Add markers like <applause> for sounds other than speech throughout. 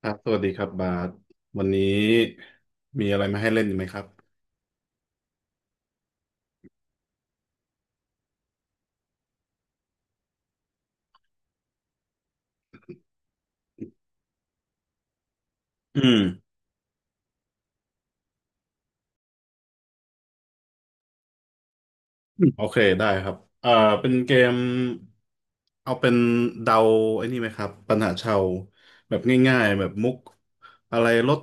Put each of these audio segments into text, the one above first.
ครับสวัสดีครับบาสวันนี้มีอะไรมาให้เล่นอีกไหมครับอืมอืมโอเคได้ครับเป็นเกมเอาเป็นเดาไอ้นี่ไหมครับปัญหาชาวแบบง่ายๆแบบมุกอะไรรถ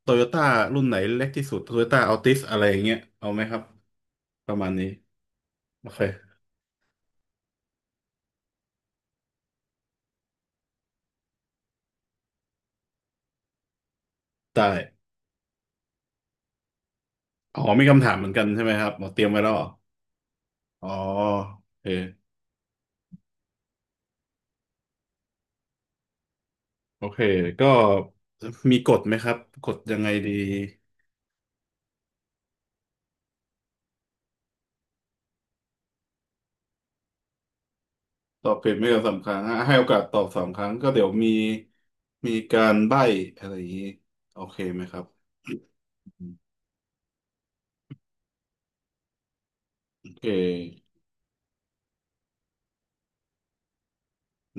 โตโยต้ารุ่นไหนเล็กที่สุดโตโยต้าอัลติสอะไรอย่างเงี้ยเอาไหมครับประมาณนี้โอเคได้อ๋อมีคำถามเหมือนกันใช่ไหมครับอ๋อเตรียมไว้แล้วเหรออ๋อโอเคโอเคก็มีกฎไหมครับกฎยังไงดี ตอบผิดไม่เกินสามครั้งอ่ะให้โอกาสตอบสามครั้งก็เดี๋ยวมีมีการใบ้อะไรอย่างนี้โอเคไหมครับโอเค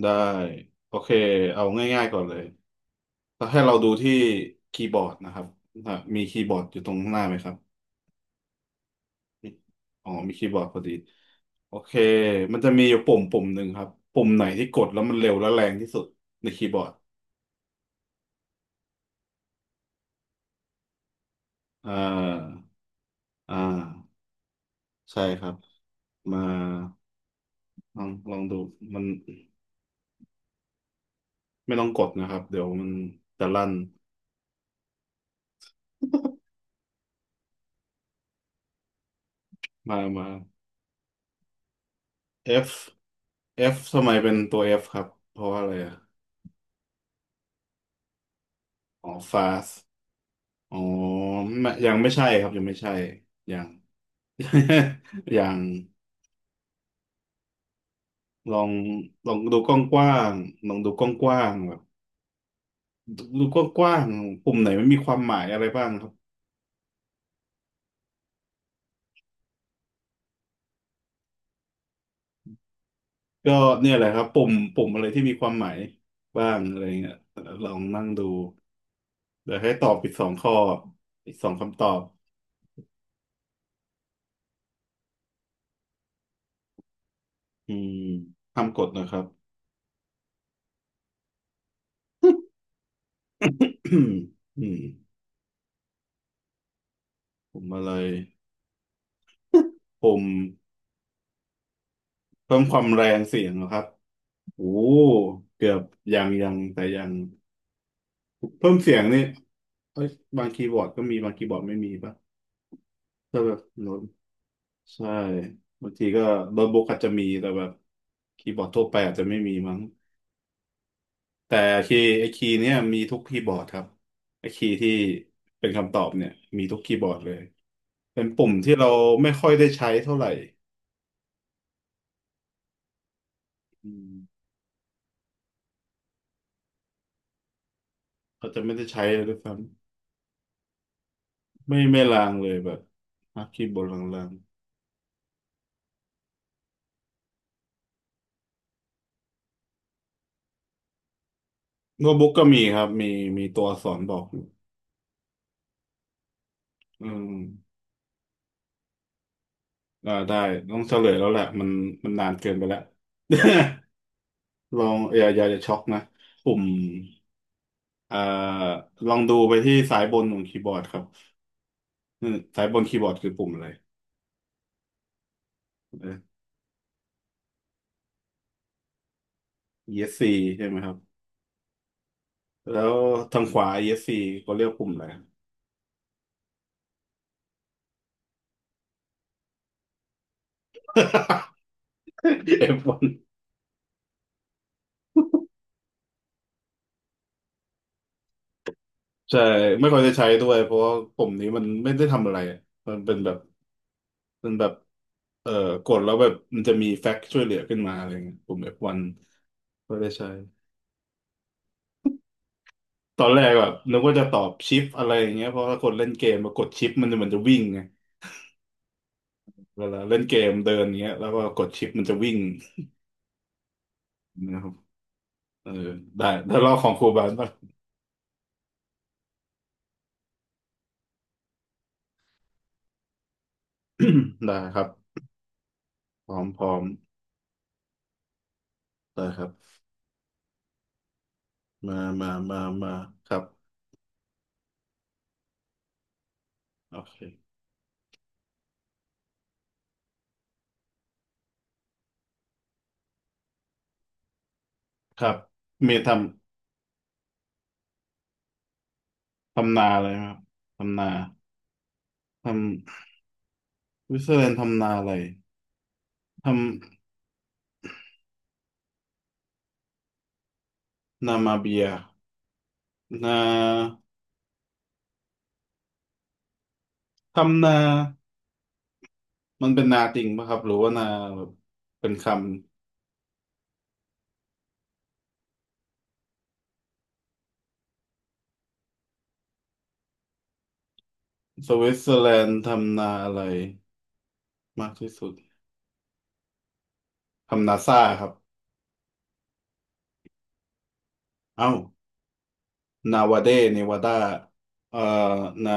ได้โอเคเอาง่ายๆก่อนเลยแล้วให้เราดูที่คีย์บอร์ดนะครับอ่ะมีคีย์บอร์ดอยู่ตรงข้างหน้าไหมครับมีอ๋อมีคีย์บอร์ดพอดีโอเคมันจะมีอยู่ปุ่มหนึ่งครับปุ่มไหนที่กดแล้วมันเร็วและแรงที่สุดในคีย์บอร์ดอ่าอ่าใช่ครับมาลองดูมัน ไม่ต้องกดนะครับเดี๋ยวมันจะลั่นมา F F ทำไมเป็นตัว F ครับเพราะว่าอะไรอ่ะอ๋อ fast อ๋อไม่ยังไม่ใช่ครับยังไม่ใช่ยัง <laughs> ยังลองลองดูกว้างๆลองดูกว้างๆแบบดูดูกว้างๆปุ่มไหนมันมีความหมายอะไรบ้างครับก็เนี่ยแหละครับปุ่มอะไรที่มีความหมายบ้างอะไรเงี้ยลองนั่งดูเดี๋ยวให้ตอบอีกสองข้ออีกสองคำตอบ อืมทำกฎนะครับ <coughs> อืมอืมผมอะไรผมเพิ่มความแรงเสียงนะครับโอ้เกือบยังยังแต่ยังเพิ่มเสียงนี่เอ้ยบางคีย์บอร์ดก็มีบางคีย์บอร์ดไม่มีปะก็แบบโน้ตใช่บางทีก็โน้ตบุ๊กอาจจะมีแต่แบบคีย์บอร์ดทั่วไปอาจจะไม่มีมั้งแต่คีย์ไอคีย์เนี่ยมีทุกคีย์บอร์ดครับไอคีย์ที่เป็นคำตอบเนี่ยมีทุกคีย์บอร์ดเลยเป็นปุ่มที่เราไม่ค่อยได้ใช้เท่าไหร่ อืมเขาจะไม่ได้ใช้เลยด้วยซ้ำไม่ลางเลยแบบนักคีย์บอร์ดลางๆโน้ตบุ๊กก็มีครับมีมีตัวอักษรบอกอยู่อืมอ่าได้ต้องเฉลยแล้วแหละมันมันนานเกินไปแล้วลองอย่าช็อกนะปุ่มอ่าลองดูไปที่สายบนของคีย์บอร์ดครับอืมสายบนคีย์บอร์ดคือปุ่มอะไรเออ ESC ใช่ไหมครับแล้วทางขวา ESC ก็เรียกปุ่มอะไร <laughs> เอฟวาย ใช่ไม่ค่อยได้ใช้ด้วยเพราะว่าปุ่มนี้มันไม่ได้ทำอะไรอะมันเป็นแบบมันแบบเอ่อกดแล้วแบบมันจะมีแฟกซ์ช่วยเหลือขึ้นมาอะไรเงี้ยปุ่ม F1 ก็ได้ใช้ตอนแรกแบบนึกว่าจะตอบชิปอะไรอย่างเงี้ยเพราะถ้าคนเล่นเกมมากดชิปมันจะวิ่งไงเวลาเล่นเกมเดินเงี้ยแล้วก็กดชิปมันจะวิ่งนะครับเออได้ได้รอบของครูบาลป่ะ <coughs> ได้ครับพร้อมพร้อมได้ครับมามามามาครับโอเคครับเมย์ทำ ทำนาอะไรครับทำนาทำวิสเซอร์แลนด์ทำนาอะไรทำนามาเบียนาทำนา มันเป็นนาจริงปะครับหรือว่านาแบบเป็นคำสวิตเซอร์แลนด์ทำนาอะไรมากที่สุดทำนาซ่าครับเอ้านาวาเดเนวาดาเอ่อนา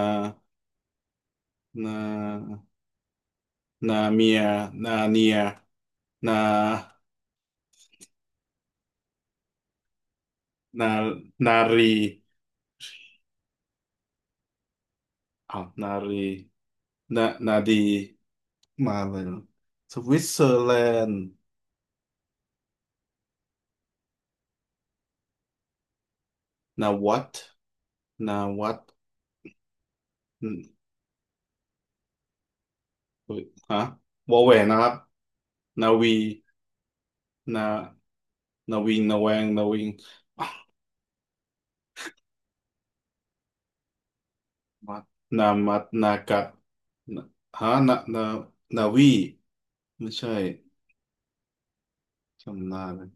นานาเมียนาเนียนานานารีอ้าวนารีนานาดี มาเลยเนอะสวิตเซอร์แลนด์นาวัตนาวัตอืมเฮ้ยฮะวอแหวนนะครับนาวีนานาวิงนาแวงนาวิงมัดนามัดนากะนะฮะนานานาวีไม่ใช่จำหน้าเลย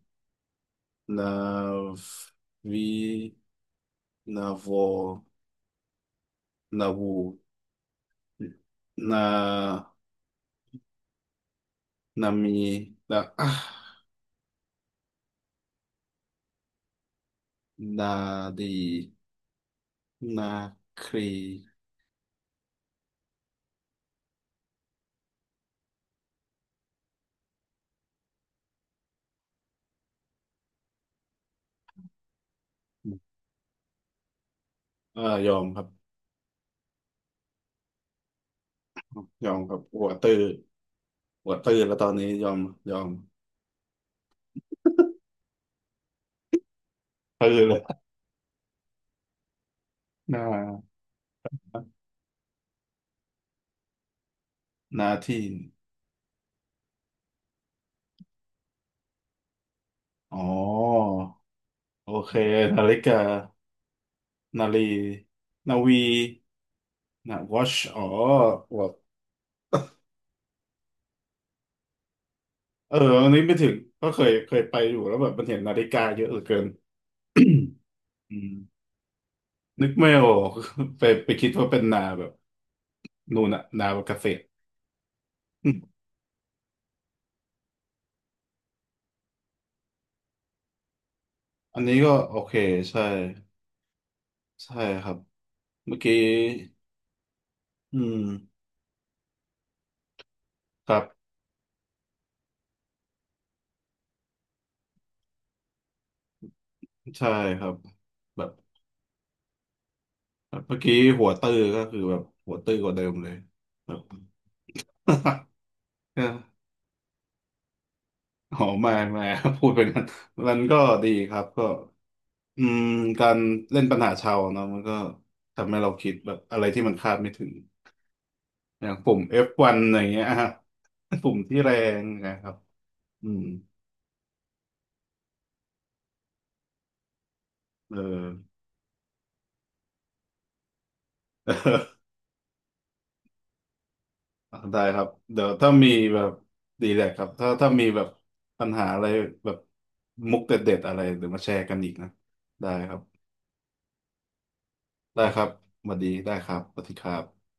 นาวีนาวอนาวูนานามีนาอ่ะนาดีนาครี เออยอมครับยอมครับหัวตื้อหัวตื้อแล้วตอนนี้ยอมยอมตื้อเลยหน้าหน้าที่อ๋อโอเคนาฬิกานาฬีนาวีนะ watch อ๋อหัวอเอออันนี้ไม่ถึงก็เคยเคยไปอยู่แล้วแบบมันเห็นนาฬิกาเยอะเหลือเกินอืมนึกไม่ออก <laughs> ไปไปคิดว่าเป็นนาแบบนู่นน่ะนาแบบเกษตรอืมอันนี้ก็โอเคใช่ใช่ครับเมื่อกี้อืมครับ ใช่ครับแบบแบบเมื่อกี้หัวตื้อก็คือแบบหัวตื้อกว่าเดิมเลยแบบ <laughs> เอออ๋อไม่ไม่ <laughs> พูดไปงั้นมันก็ดีครับก็อืมการเล่นปัญหาชาวเนาะมันก็ทำให้เราคิดแบบอะไรที่มันคาดไม่ถึงอย่างปุ่ม F1 อะไงเงี้ย <laughs> ฮะปุ่มที่แรงนะครับอืมเออ <laughs> ได้ครับเดี๋ยวถ้ามีแบบดีแหละครับถ้าถ้ามีแบบปัญหาอะไรแบบมุกเด็ดๆอะไรเดี๋ยวมาแชร์กันอีกนะได้ครับได้ครับสวัสดีได้ครับสวัสดีครับ